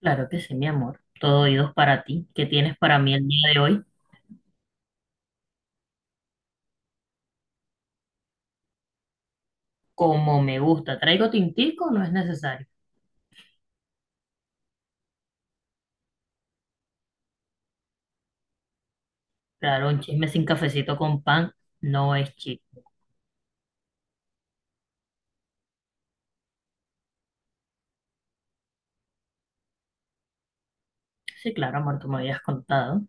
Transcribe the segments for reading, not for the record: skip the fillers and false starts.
Claro que sí, mi amor. Todo oídos para ti. ¿Qué tienes para mí el día de hoy? Como me gusta. ¿Traigo tintico? No es necesario. Claro, un chisme sin cafecito con pan no es chisme. Sí, claro, amor, tú me habías contado.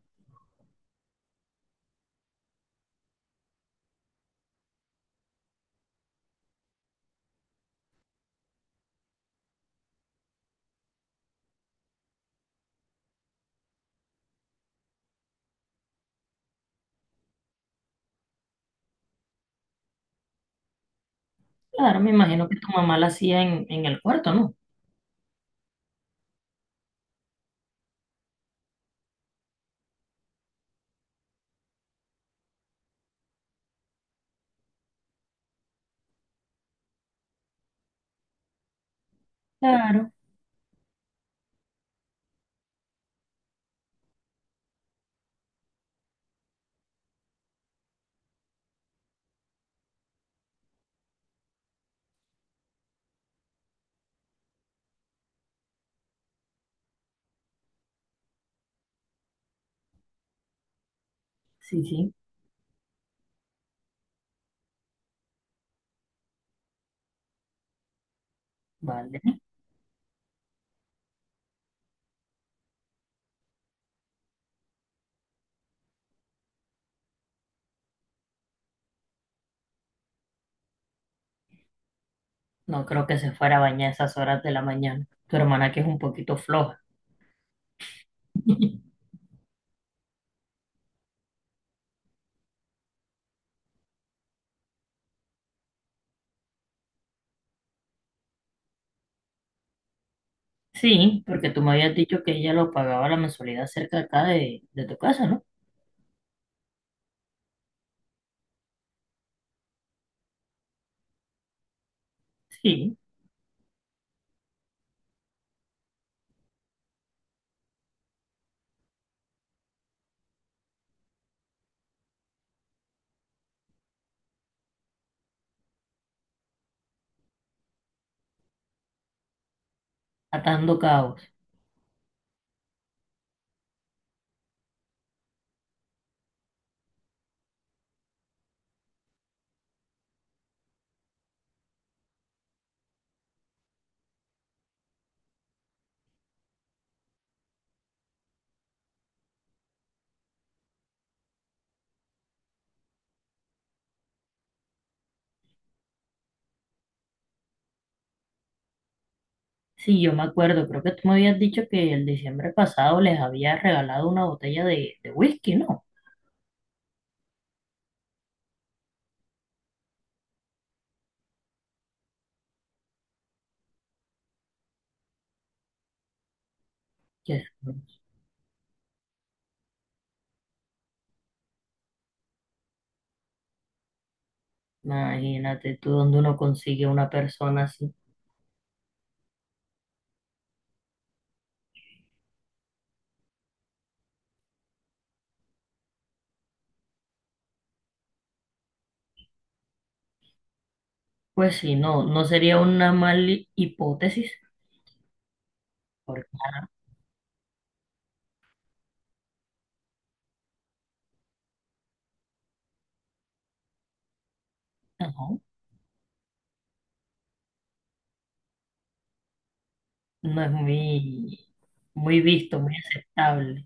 Claro, me imagino que tu mamá la hacía en el cuarto, ¿no? Claro, sí, sí. Vale. No creo que se fuera a bañar a esas horas de la mañana. Tu hermana que es un poquito floja. Sí, porque tú me habías dicho que ella lo pagaba la mensualidad cerca acá de tu casa, ¿no? Sí, atando cabos. Sí, yo me acuerdo, creo que tú me habías dicho que el diciembre pasado les había regalado una botella de whisky, ¿no? Que- Imagínate tú dónde uno consigue una persona así. Pues sí, no, no sería una mala hipótesis, porque no, no es muy, muy visto, muy aceptable.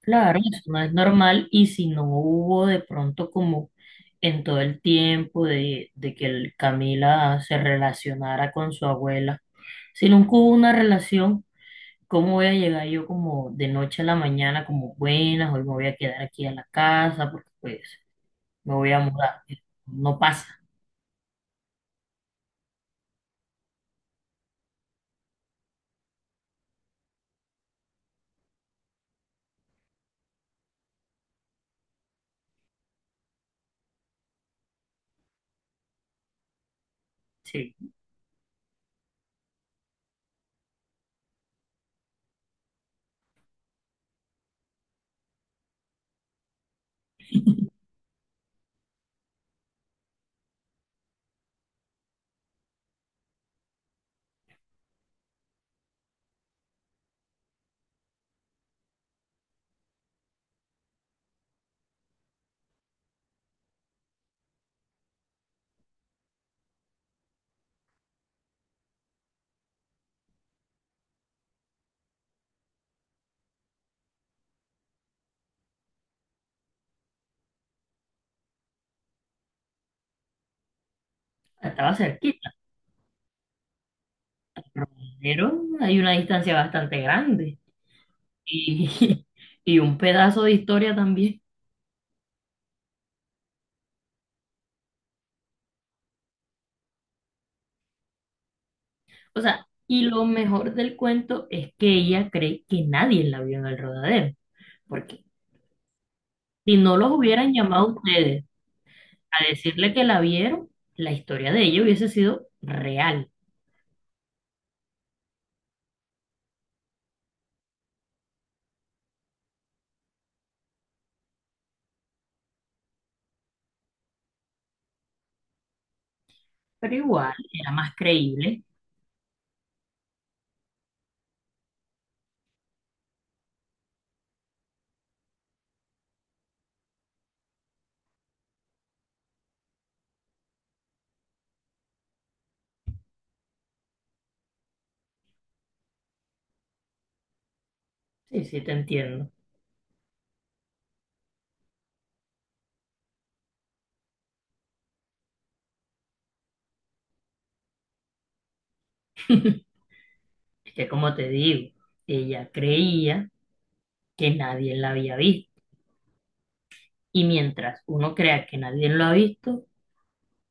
Claro, eso no es normal y si no hubo de pronto como en todo el tiempo de que el Camila se relacionara con su abuela, si nunca hubo una relación. ¿Cómo voy a llegar yo como de noche a la mañana, como buenas, hoy me voy a quedar aquí a la casa porque pues me voy a mudar? No pasa. Sí, estaba cerquita, pero primero hay una distancia bastante grande y, y un pedazo de historia también. O sea, y lo mejor del cuento es que ella cree que nadie la vio en el rodadero, porque si no los hubieran llamado ustedes a decirle que la vieron, la historia de ella hubiese sido real, pero igual era más creíble. Sí, sí, te entiendo. Es que como te digo, ella creía que nadie la había visto. Y mientras uno crea que nadie lo ha visto,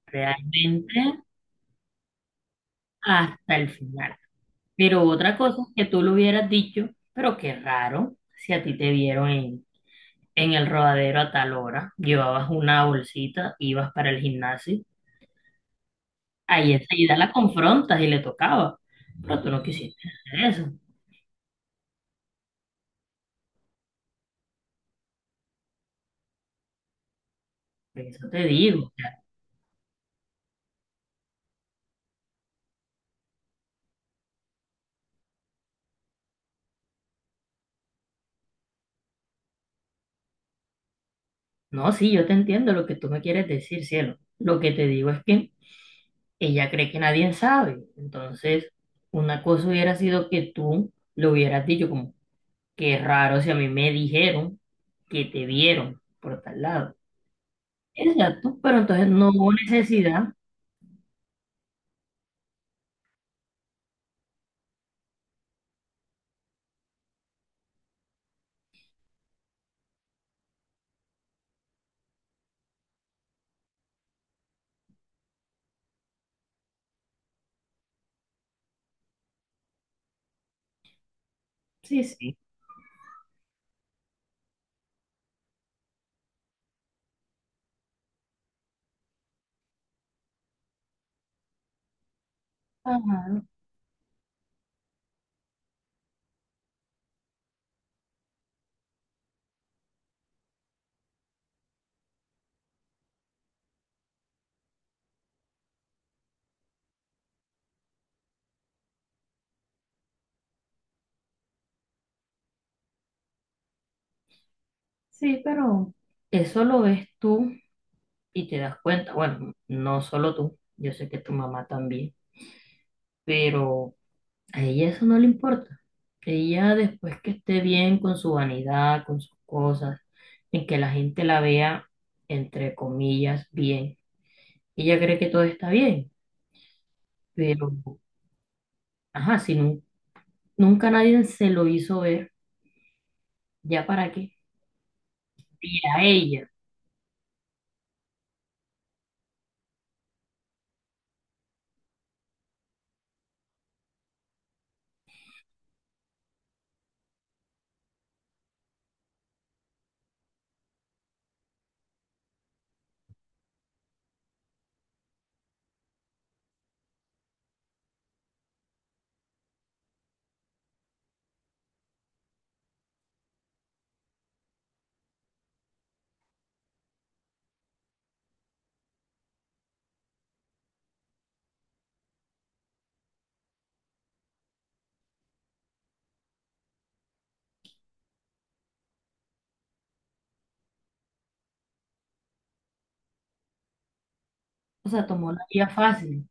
realmente hasta el final. Pero otra cosa es que tú lo hubieras dicho, pero qué raro si a ti te vieron en el rodadero a tal hora, llevabas una bolsita, ibas para el gimnasio, ahí enseguida la confrontas y le tocaba. Pero tú no quisiste hacer eso. Por eso te digo. No, sí, yo te entiendo lo que tú me quieres decir, cielo. Lo que te digo es que ella cree que nadie sabe. Entonces, una cosa hubiera sido que tú le hubieras dicho como, qué raro si a mí me dijeron que te vieron por tal lado. Exacto, pero entonces no hubo necesidad. Sí, sí. Ajá, sí, pero eso lo ves tú y te das cuenta. Bueno, no solo tú, yo sé que tu mamá también, pero... A ella eso no le importa. Ella después que esté bien con su vanidad, con sus cosas, en que la gente la vea, entre comillas, bien. Ella cree que todo está bien, pero, ajá, nunca nadie se lo hizo ver, ¿ya para qué? Y a ella, o sea, tomó la vía fácil.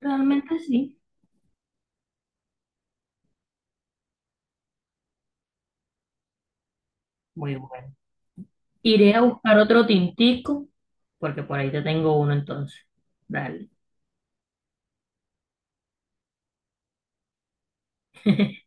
Realmente sí, muy bueno. Iré a buscar otro tintico, porque por ahí te tengo uno entonces. Dale.